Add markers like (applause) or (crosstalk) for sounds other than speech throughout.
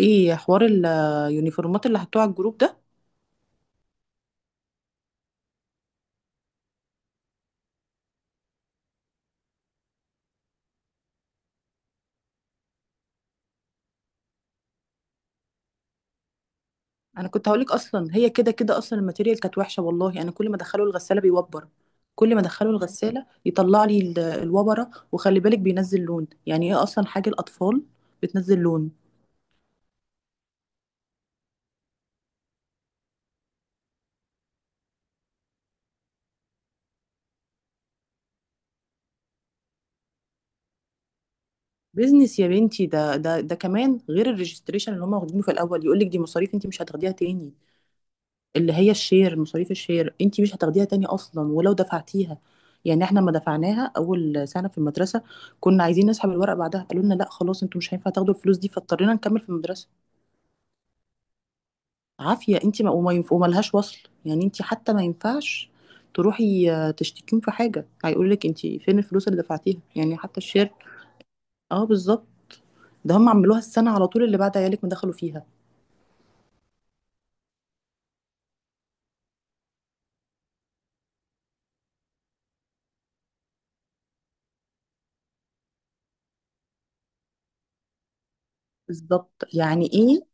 ايه حوار اليونيفورمات اللي حطوه على الجروب ده. انا كنت هقولك اصلا هي كده كده اصلا الماتيريال كانت وحشه، والله انا كل ما ادخله الغساله بيوبر. كل ما ادخله الغساله يطلع لي الوبره، وخلي بالك بينزل لون، يعني ايه اصلا حاجه الاطفال بتنزل لون. بيزنس يا بنتي، ده كمان غير الريجستريشن اللي هم واخدينه في الاول، يقولك دي مصاريف انت مش هتاخديها تاني، اللي هي الشير، مصاريف الشير انت مش هتاخديها تاني اصلا ولو دفعتيها. يعني احنا ما دفعناها اول سنه في المدرسه، كنا عايزين نسحب الورق بعدها قالوا لنا لا خلاص انتوا مش هينفع تاخدوا الفلوس دي، فاضطرينا نكمل في المدرسه. عافيه، انت ما وما ينف... وملهاش وصل. يعني انت حتى ما ينفعش تروحي آه، تشتكيهم في حاجه، هيقول لك انت فين الفلوس اللي دفعتيها، يعني حتى الشير. اه بالظبط. ده هم عملوها السنه على طول اللي بعد عيالك ما دخلوا فيها. بالظبط، يعني ايه.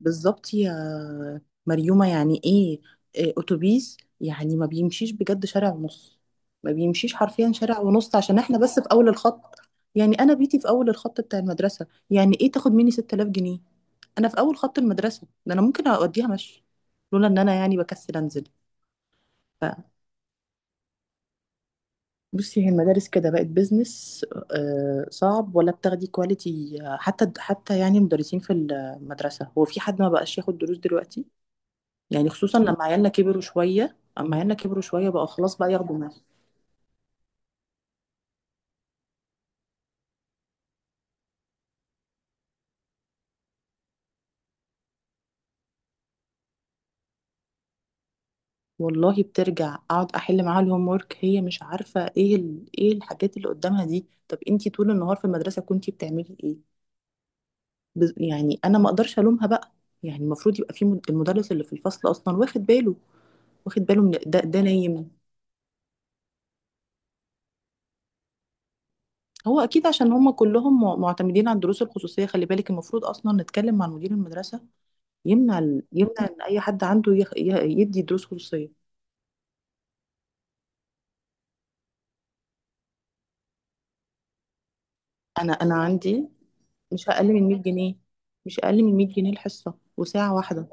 بالظبط يا مريومة، يعني ايه إيه اتوبيس يعني ما بيمشيش بجد شارع ونص، ما بيمشيش حرفيا شارع ونص عشان احنا بس في اول الخط. يعني انا بيتي في اول الخط بتاع المدرسة، يعني ايه تاخد مني 6000 جنيه؟ انا في اول خط المدرسة ده، انا ممكن اوديها مشي لولا ان انا يعني بكسل انزل. فبصي هي المدارس كده بقت بيزنس. آه، صعب ولا بتاخدي كواليتي حتى يعني مدرسين في المدرسة، هو في حد ما بقاش ياخد دروس دلوقتي؟ يعني خصوصا لما عيالنا كبروا شويه، اما عيالنا كبروا شويه بقى خلاص بقى ياخدوا ماث. والله بترجع اقعد احل معاها الهوم ورك، هي مش عارفه ايه ايه الحاجات اللي قدامها دي. طب انتي طول النهار في المدرسه كنتي بتعملي ايه؟ يعني انا ما اقدرش الومها بقى. يعني المفروض يبقى في المدرس اللي في الفصل اصلا واخد باله، واخد باله من ده، ده نايم. هو اكيد عشان هم كلهم معتمدين على الدروس الخصوصيه. خلي بالك المفروض اصلا نتكلم مع مدير المدرسه يمنع يمنع ان اي حد عنده يدي دروس خصوصيه. انا عندي مش اقل من 100 جنيه، مش اقل من 100 جنيه الحصه، وساعه واحده.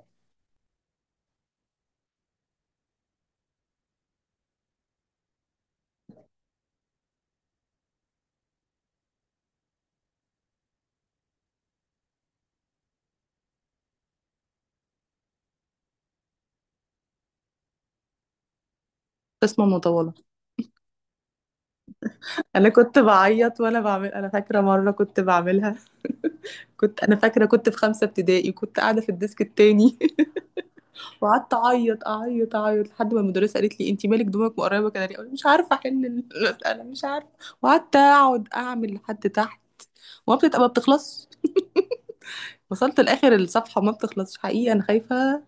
قسمه مطوله. انا كنت بعيط وانا بعمل، انا فاكره مره كنت بعملها. (laughs) كنت، انا فاكره كنت في خمسه ابتدائي، كنت قاعده في الديسك التاني. (laughs) وقعدت اعيط اعيط اعيط لحد ما المدرسه قالت لي انت مالك دموعك مقربه كده ليه، أقول مش عارفه احل المساله، مش عارفه. وقعدت اقعد اعمل لحد تحت، وما بتبقى ما بتخلصش. وصلت لاخر الصفحه ما بتخلصش. حقيقي انا خايفه،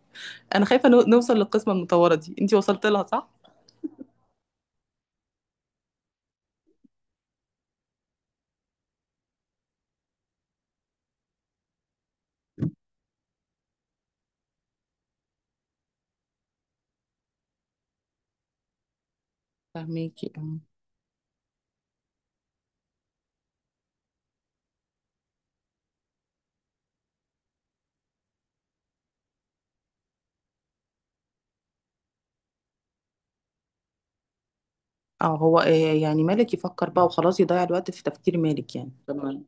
انا خايفه نوصل للقسمه المطوره دي، انتي وصلت لها صح؟ فهميكي اه. اه هو إيه يعني مالك يفكر بقى وخلاص، يضيع الوقت في تفكير مالك يعني طبعا.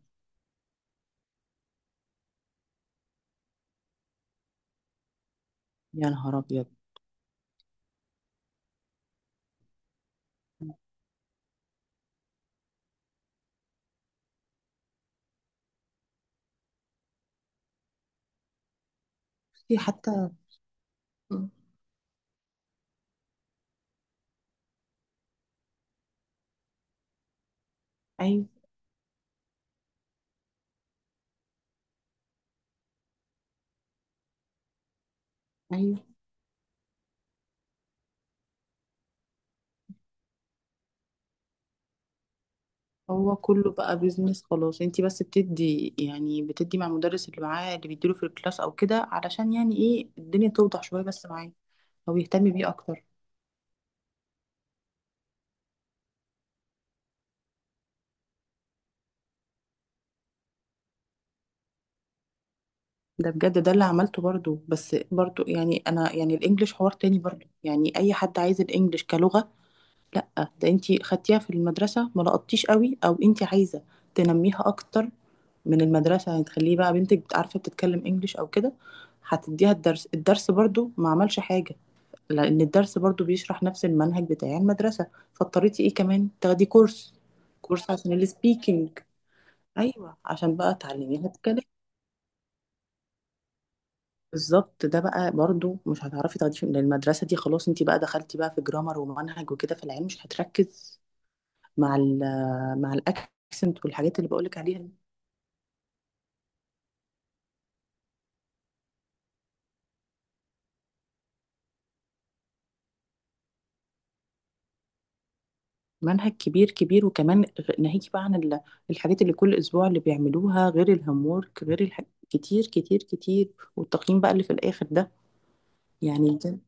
يا نهار ابيض. بصي حتى. م. ايوه، ايوه. هو كله بقى بيزنس خلاص، انتي بس بتدي يعني بتدي مع المدرس اللي معاه اللي بيديله في الكلاس او كده علشان يعني ايه الدنيا توضح شويه بس معاه، او يهتم بيه اكتر. ده بجد ده اللي عملته برضو. بس برضو يعني انا يعني الانجليش حوار تاني، برضو يعني اي حد عايز الانجليش كلغه، لا. ده انتي خدتيها في المدرسة ما لقطتيش قوي، او انتي عايزة تنميها اكتر من المدرسة يعني تخليه بقى بنتك عارفة بتتكلم انجليش او كده، هتديها الدرس، الدرس برضو ما عملش حاجة، لان الدرس برضو بيشرح نفس المنهج بتاع المدرسة. فاضطريتي ايه كمان تاخدي كورس، كورس عشان السبيكينج. ايوه عشان بقى تعلميها تتكلم. بالظبط. ده بقى برضو مش هتعرفي تاخديه من المدرسة دي، خلاص انتي بقى دخلتي بقى في جرامر ومنهج وكده في العلم، مش هتركز مع مع الاكسنت والحاجات اللي بقولك عليها دي. منهج كبير كبير، وكمان ناهيك بقى عن الحاجات اللي كل اسبوع اللي بيعملوها، غير الهوم وورك، غير الح... كتير كتير كتير. والتقييم بقى اللي في الاخر ده، يعني بجد.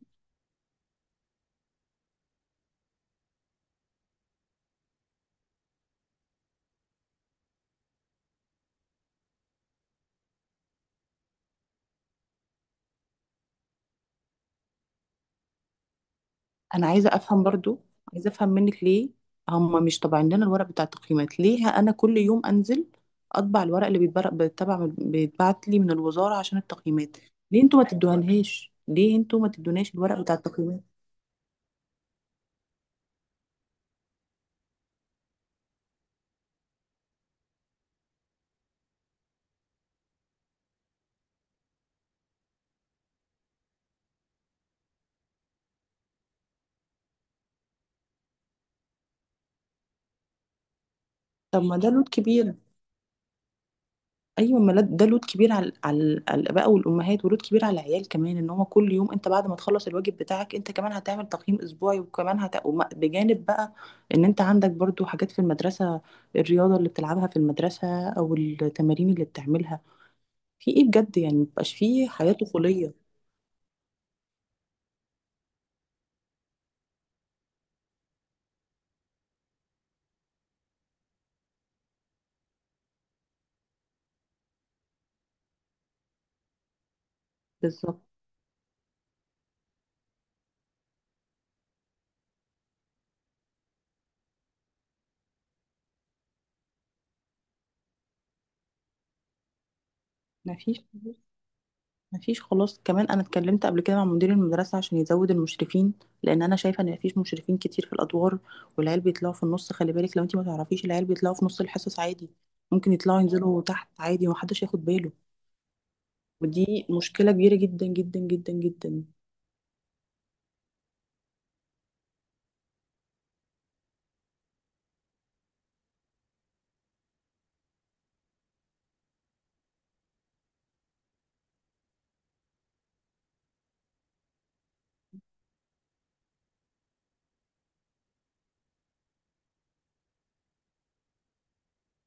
انا عايزه افهم برضو، عايزه افهم منك ليه هم مش طابعين لنا الورق بتاع التقييمات؟ ليه انا كل يوم انزل اطبع الورق اللي بيتبعت لي من الوزاره عشان التقييمات؟ ليه انتوا ما تدوهالهاش، ليه انتوا ما تدوناش الورق بتاع التقييمات؟ طب ما ده لود كبير. ايوه ما لد- ده لود كبير على على الاباء والامهات، ولود كبير على العيال كمان، ان هو كل يوم انت بعد ما تخلص الواجب بتاعك انت كمان هتعمل تقييم اسبوعي، وكمان بجانب بقى ان انت عندك برضو حاجات في المدرسه، الرياضه اللي بتلعبها في المدرسه او التمارين اللي بتعملها في ايه بجد، يعني مبقاش فيه حياه طفوليه. بالظبط. مفيش، مفيش خلاص. كمان انا اتكلمت قبل كده مع مدير المدرسه عشان يزود المشرفين، لان انا شايفه ان مفيش مشرفين كتير في الادوار، والعيال بيطلعوا في النص، خلي بالك لو انت ما تعرفيش، العيال بيطلعوا في نص الحصص عادي، ممكن يطلعوا ينزلوا تحت عادي ومحدش ياخد باله. ودي مشكله كبيره جدا جدا جدا جدا.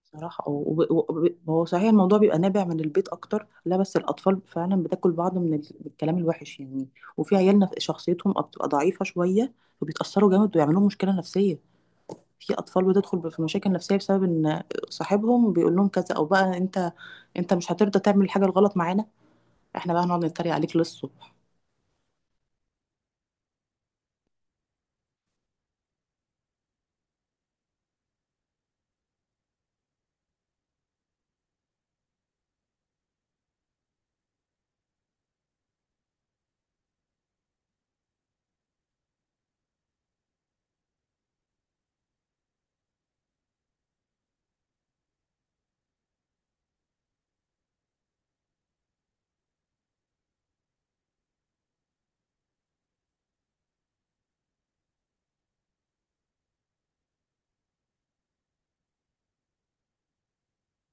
صراحه هو صحيح الموضوع بيبقى نابع من البيت اكتر، لا بس الاطفال فعلا بتاكل بعض من من الكلام الوحش يعني. وفي عيالنا شخصيتهم بتبقى ضعيفه شويه، وبيتاثروا جامد ويعملوا مشكله نفسيه. في اطفال بتدخل في مشاكل نفسيه بسبب ان صاحبهم بيقول لهم كذا، او بقى انت، انت مش هترضى تعمل الحاجه الغلط معانا، احنا بقى هنقعد نتريق عليك للصبح.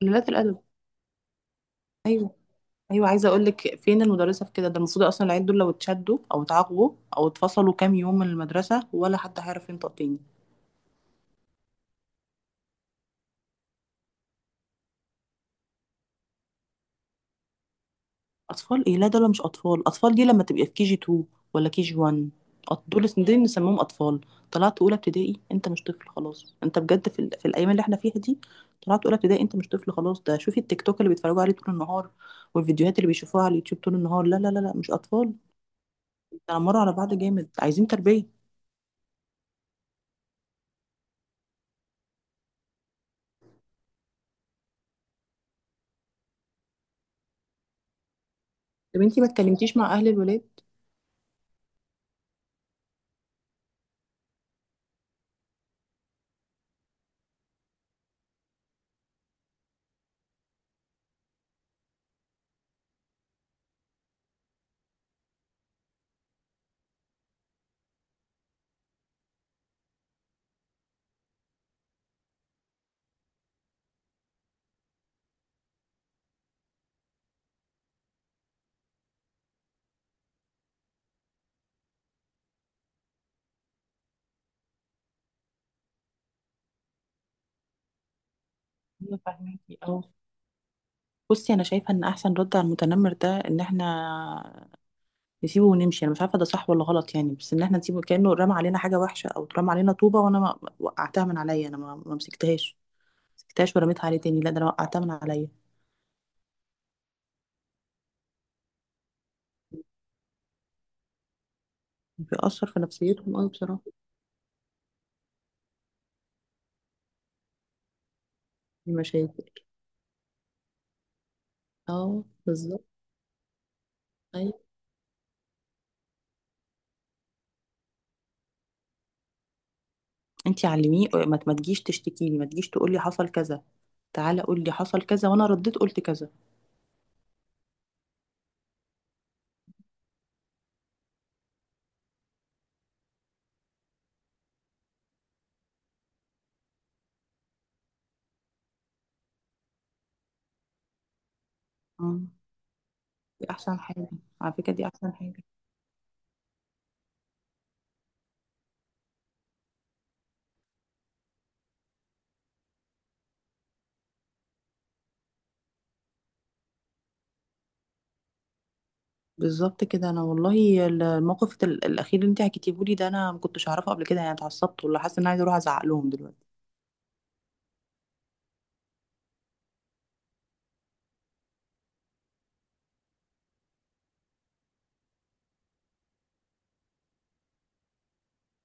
قلة الادب. ايوه، ايوه عايزه اقول لك فين المدرسه في كده، ده المفروض اصلا العيال دول لو اتشدوا او اتعاقبوا او اتفصلوا كام يوم من المدرسه ولا حد هيعرف ينطق تاني. اطفال ايه؟ لا دول مش اطفال، اطفال دي لما تبقى في كي جي 2 ولا كي جي 1. دول نسميهم اطفال. طلعت اولى ابتدائي انت مش طفل خلاص، انت بجد في، في الايام اللي احنا فيها دي. طلعت اولى ابتدائي انت مش طفل خلاص، ده شوفي التيك توك اللي بيتفرجوا عليه طول النهار، والفيديوهات اللي بيشوفوها على اليوتيوب طول النهار، لا لا لا لا مش اطفال، بيتنمروا على بعض جامد، عايزين تربيه. طب انتي ما اتكلمتيش مع اهل الولاد؟ ايوه فاهمكي اه. بصي انا شايفه ان احسن رد على المتنمر ده ان احنا نسيبه ونمشي، انا مش عارفه ده صح ولا غلط يعني، بس ان احنا نسيبه كانه رمى علينا حاجه وحشه، او اترمى علينا طوبه وانا ما وقعتها من عليا، انا ما مسكتهاش، مسكتهاش ورميتها عليه تاني، لا ده انا وقعتها من عليا. بيأثر في نفسيتهم قوي بصراحه. المشاكل. اه بالظبط. ايوه انتي علميه ما تجيش تشتكي لي، ما تجيش تقول لي حصل كذا، تعالى قول لي حصل كذا وانا رديت قلت كذا. آه، دي احسن حاجه. على فكره دي احسن حاجه. بالظبط كده. انا والله الموقف الاخير اللي انت حكيتيه لي ده انا ما كنتش اعرفه قبل كده، يعني اتعصبت ولا حاسه ان انا عايزه اروح ازعق لهم دلوقتي.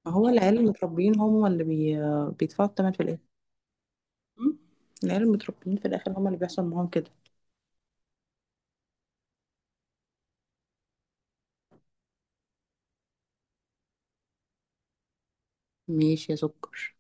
ما هو العيال المتربيين هم بيدفعوا الثمن في الاخر. م؟ العيال المتربيين في الاخر هم اللي بيحصل معاهم كده. ماشي يا سكر.